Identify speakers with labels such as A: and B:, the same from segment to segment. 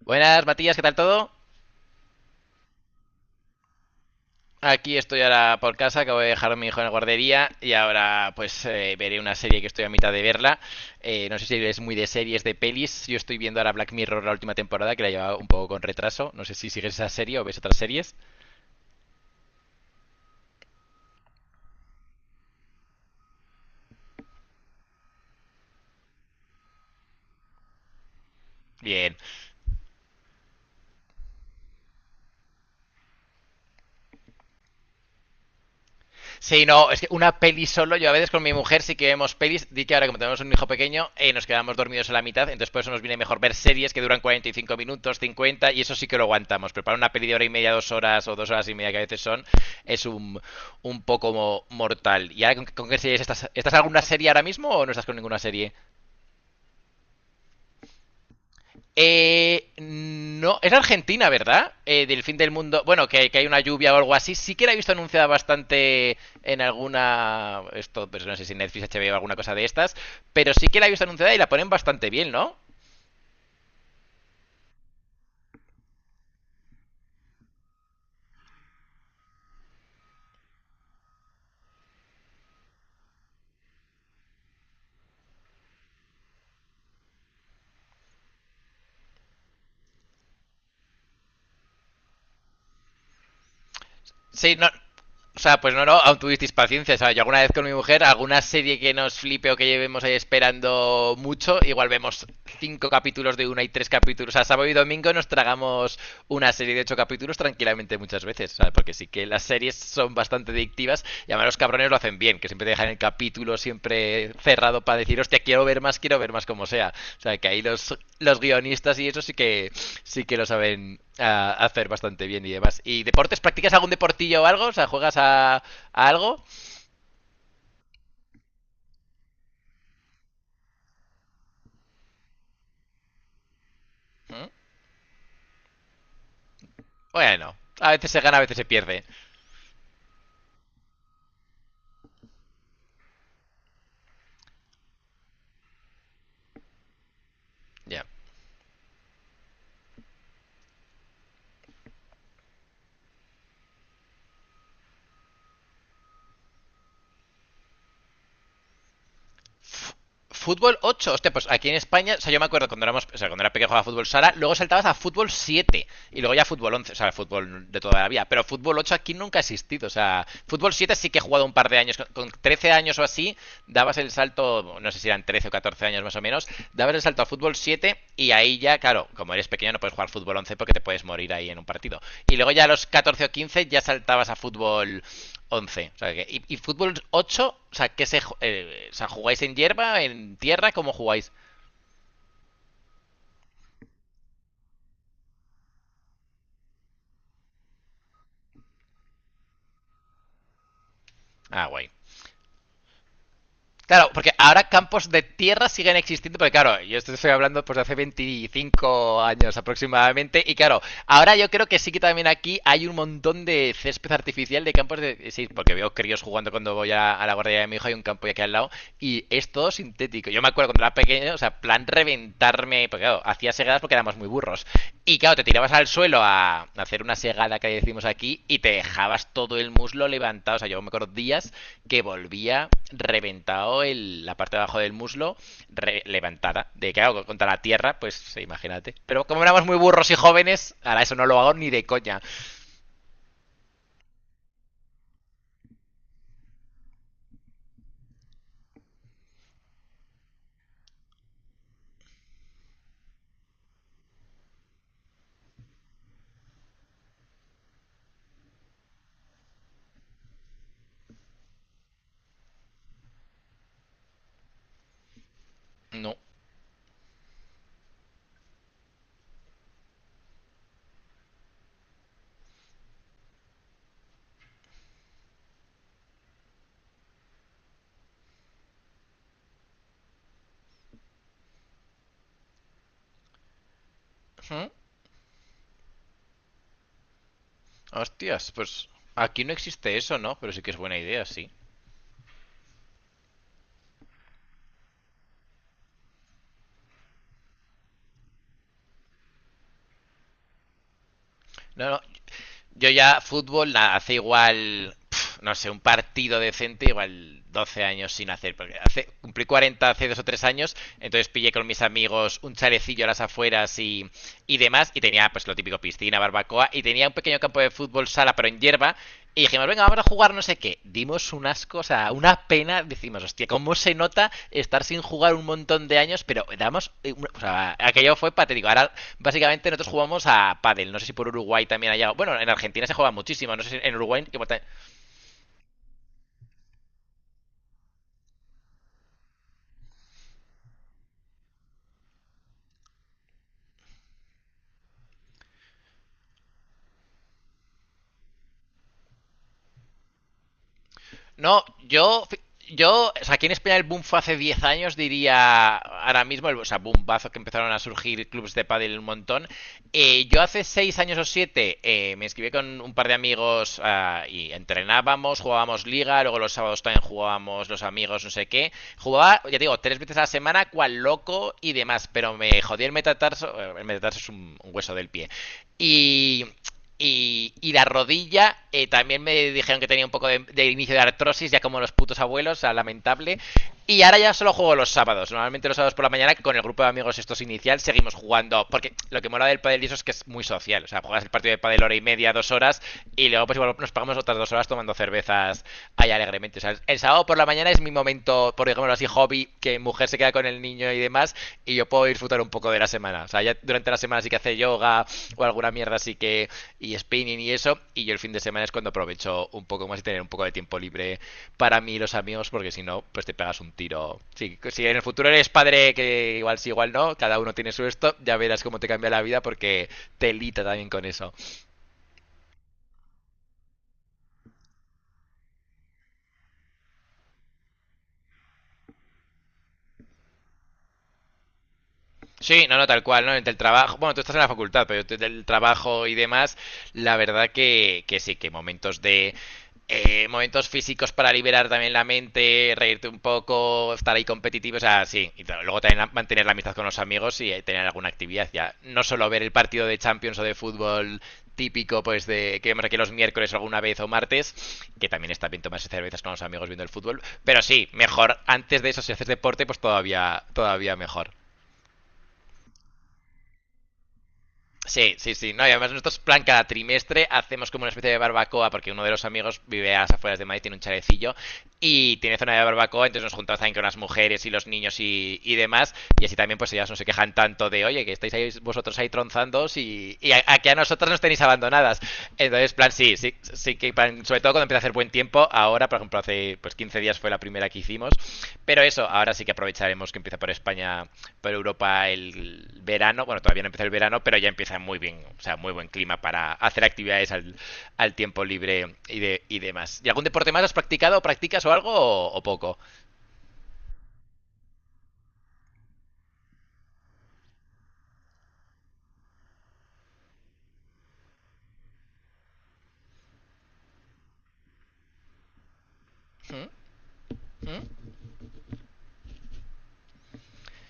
A: Buenas, Matías, ¿qué tal todo? Aquí estoy ahora por casa, acabo de dejar a mi hijo en la guardería y ahora pues veré una serie que estoy a mitad de verla. No sé si eres muy de series, de pelis. Yo estoy viendo ahora Black Mirror, la última temporada, que la he llevado un poco con retraso. No sé si sigues esa serie o ves otras series. Bien. Sí, no, es que una peli solo, yo a veces con mi mujer sí que vemos pelis, di que ahora como tenemos un hijo pequeño, nos quedamos dormidos a la mitad, entonces por eso nos viene mejor ver series que duran 45 minutos, 50, y eso sí que lo aguantamos, pero para una peli de hora y media, dos horas o dos horas y media que a veces es un poco mortal. ¿Y ahora con qué series estás? ¿Estás en alguna serie ahora mismo o no estás con ninguna serie? No, es Argentina, ¿verdad? Del fin del mundo. Bueno, que hay una lluvia o algo así. Sí que la he visto anunciada bastante en alguna. Esto, pues no sé si Netflix, HBO o alguna cosa de estas. Pero sí que la he visto anunciada y la ponen bastante bien, ¿no? Sí, no. O sea, pues no, no, aún tuvisteis paciencia, ¿sabes? Yo alguna vez con mi mujer, alguna serie que nos flipe o que llevemos ahí esperando mucho, igual vemos cinco capítulos de una y tres capítulos. O sea, sábado y domingo nos tragamos una serie de ocho capítulos tranquilamente muchas veces, ¿sabes? Porque sí que las series son bastante adictivas y además los cabrones lo hacen bien, que siempre te dejan el capítulo siempre cerrado para decir, hostia, quiero ver más como sea. O sea, que ahí los guionistas y eso sí que lo saben hacer bastante bien y demás. ¿Y deportes? ¿Practicas algún deportillo o algo? O sea, ¿juegas a algo? ¿Mm? Bueno, a veces se gana, a veces se pierde. Ya. Yeah. Fútbol 8, hostia, pues aquí en España, o sea, yo me acuerdo cuando éramos, o sea, cuando era pequeño jugaba fútbol sala, luego saltabas a fútbol 7 y luego ya fútbol 11, o sea, fútbol de toda la vida, pero fútbol 8 aquí nunca ha existido, o sea, fútbol 7 sí que he jugado un par de años, con, 13 años o así, dabas el salto, no sé si eran 13 o 14 años más o menos, dabas el salto a fútbol 7 y ahí ya, claro, como eres pequeño no puedes jugar fútbol 11 porque te puedes morir ahí en un partido. Y luego ya a los 14 o 15 ya saltabas a fútbol once. O sea, y fútbol ocho, o sea, que se, o sea, jugáis en hierba, en tierra, ¿cómo jugáis? Ah, guay. Claro, porque ahora campos de tierra siguen existiendo, porque claro, yo esto estoy hablando pues de hace 25 años aproximadamente, y claro, ahora yo creo que sí que también aquí hay un montón de césped artificial de campos de... Sí, porque veo críos jugando cuando voy a la guardería de mi hijo, hay un campo aquí al lado, y es todo sintético. Yo me acuerdo cuando era pequeño, o sea, plan reventarme, porque claro, hacía segadas porque éramos muy burros. Y claro, te tirabas al suelo a hacer una segada que decimos aquí y te dejabas todo el muslo levantado. O sea, yo me acuerdo días que volvía reventado la parte de abajo del muslo levantada. De claro, contra la tierra, pues sí, imagínate. Pero como éramos muy burros y jóvenes, ahora eso no lo hago ni de coña. No. ¿Mm? Hostias, pues aquí no existe eso, ¿no? Pero sí que es buena idea, sí. No, no, Yo ya fútbol hace igual, pf, no sé, un partido decente, igual 12 años sin hacer. Porque hace, cumplí 40 hace dos o tres años, entonces pillé con mis amigos un chalecillo a las afueras y demás, y tenía pues lo típico, piscina, barbacoa, y tenía un pequeño campo de fútbol sala, pero en hierba, y dijimos, venga, vamos a jugar no sé qué. Dimos unas cosas, una pena, decimos, hostia, cómo se nota estar sin jugar un montón de años, pero damos, o sea, aquello fue patético. Ahora básicamente nosotros jugamos a pádel. No sé si por Uruguay también haya. Bueno, en Argentina se juega muchísimo. No sé si en Uruguay. No, yo, o sea, aquí en España el boom fue hace 10 años, diría, ahora mismo, el, o sea, boomazo que empezaron a surgir clubs de pádel un montón. Yo hace 6 años o 7 me inscribí con un par de amigos y entrenábamos, jugábamos liga, luego los sábados también jugábamos los amigos, no sé qué. Jugaba, ya digo, tres veces a la semana, cual loco y demás, pero me jodí el metatarso es un hueso del pie. Y y la rodilla, también me dijeron que tenía un poco de inicio de artrosis, ya como los putos abuelos, o sea, lamentable. Y ahora ya solo juego los sábados. Normalmente los sábados por la mañana, con el grupo de amigos estos inicial, seguimos jugando. Porque lo que mola del pádel y eso es que es muy social. O sea, juegas el partido de pádel hora y media, dos horas, y luego pues igual nos pagamos otras dos horas tomando cervezas ahí alegremente. O sea, el sábado por la mañana es mi momento, por ejemplo así, hobby, que mujer se queda con el niño y demás, y yo puedo disfrutar un poco de la semana. O sea, ya durante la semana sí que hace yoga o alguna mierda así que, y spinning y eso, y yo el fin de semana es cuando aprovecho un poco más y tener un poco de tiempo libre para mí y los amigos, porque si no, pues te pegas un tiro. Si en el futuro eres padre, que igual sí, igual no, cada uno tiene su esto, ya verás cómo te cambia la vida porque te lita también con eso. Sí, no, no, tal cual, ¿no? Entre el trabajo, bueno, tú estás en la facultad, pero entre el trabajo y demás, la verdad que sí, que momentos de momentos físicos para liberar también la mente, reírte un poco, estar ahí competitivo, o sea, sí. Y t- luego también mantener la amistad con los amigos y tener alguna actividad ya. No solo ver el partido de Champions o de fútbol típico, pues de que vemos aquí los miércoles alguna vez o martes, que también está bien tomarse cervezas con los amigos viendo el fútbol. Pero sí, mejor antes de eso, si haces deporte, pues todavía, todavía mejor. Sí, sí, sí. No, y además nosotros, plan, cada trimestre hacemos como una especie de barbacoa, porque uno de los amigos vive a las afueras de Madrid, tiene un chalecillo, y tiene zona de barbacoa, entonces nos juntamos también con las mujeres y los niños y demás, y así también pues ellas no se quejan tanto de, oye, que estáis ahí vosotros ahí tronzandos aquí a nosotras nos tenéis abandonadas. Entonces, plan, sí, sí, sí que, plan, sobre todo cuando empieza a hacer buen tiempo, ahora, por ejemplo, hace pues 15 días fue la primera que hicimos. Pero eso, ahora sí que aprovecharemos que empieza por España, por Europa el verano. Bueno, todavía no empieza el verano, pero ya empieza muy bien, o sea, muy buen clima para hacer actividades al tiempo libre y demás. ¿Y algún deporte más has practicado, practicas o algo o poco? ¿Mm? ¿Mm?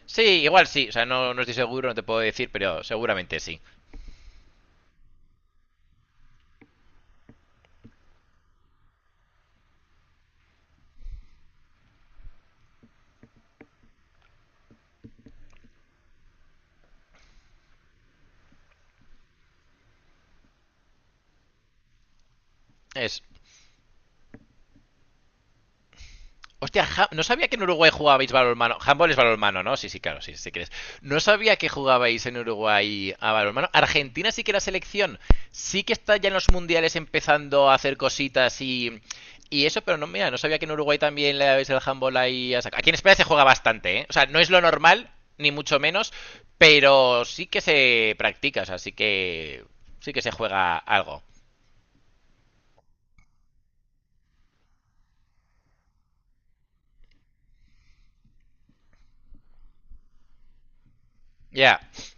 A: Sí, igual sí, o sea, no, no estoy seguro, no te puedo decir, pero seguramente sí. Es. Hostia, no sabía que en Uruguay jugabais balonmano. Handball es balonmano, ¿no? Sí, sí, claro, sí, si quieres. No sabía que jugabais en Uruguay a balonmano. Argentina sí que la selección. Sí que está ya en los mundiales empezando a hacer cositas y eso, pero no, mira, no sabía que en Uruguay también le dabais el handball ahí a saco. Aquí en España se juega bastante, ¿eh? O sea, no es lo normal, ni mucho menos, pero sí que se practica, o sea, sí que se juega algo. Ya. Yeah.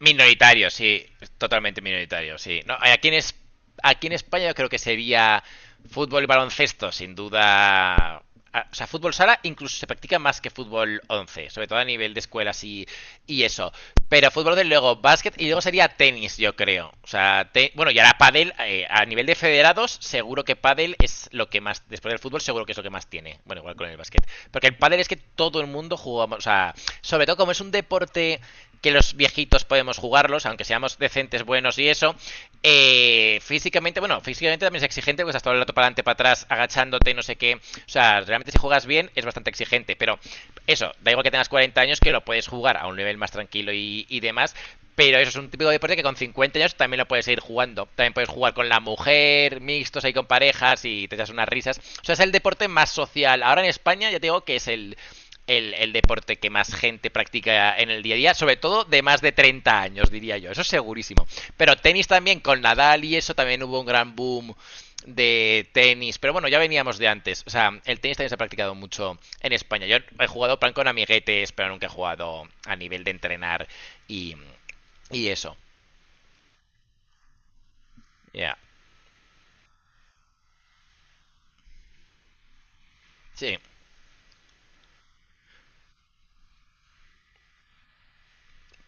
A: Minoritario, sí, totalmente minoritario, sí. No, aquí en España yo creo que sería fútbol y baloncesto, sin duda. Ah, o sea, fútbol sala incluso se practica más que fútbol 11, sobre todo a nivel de escuelas y eso. Pero fútbol, desde luego, básquet y luego sería tenis, yo creo. O sea, bueno, y ahora pádel, a nivel de federados, seguro que pádel es lo que más, después del fútbol, seguro que es lo que más tiene. Bueno, igual con el básquet. Porque el pádel es que todo el mundo jugamos, o sea, sobre todo como es un deporte que los viejitos podemos jugarlos, aunque seamos decentes, buenos y eso. Físicamente, bueno, físicamente también es exigente, porque estás todo el rato para adelante, para atrás, agachándote, no sé qué. O sea, realmente si juegas bien es bastante exigente, pero eso, da igual que tengas 40 años, que lo puedes jugar a un nivel más tranquilo y demás, pero eso es un típico deporte que con 50 años también lo puedes seguir jugando. También puedes jugar con la mujer, mixtos ahí con parejas y te das unas risas. O sea, es el deporte más social. Ahora en España ya te digo que es el deporte que más gente practica en el día a día, sobre todo de más de 30 años, diría yo. Eso es segurísimo. Pero tenis también, con Nadal y eso también hubo un gran boom de tenis, pero bueno, ya veníamos de antes. O sea, el tenis también se ha practicado mucho en España. Yo he jugado plan con amiguetes, pero nunca he jugado a nivel de entrenar y, y eso, ya. Sí,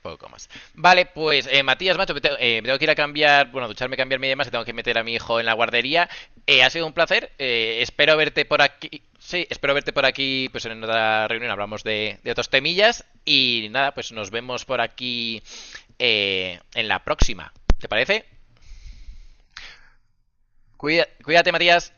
A: poco más. Vale, pues Matías, macho, me tengo que ir a cambiar, bueno, a ducharme, cambiarme y demás, que tengo que meter a mi hijo en la guardería. Ha sido un placer. Espero verte por aquí. Sí, espero verte por aquí, pues en otra reunión hablamos de otros temillas. Y nada, pues nos vemos por aquí en la próxima. ¿Te parece? Cuídate, Matías.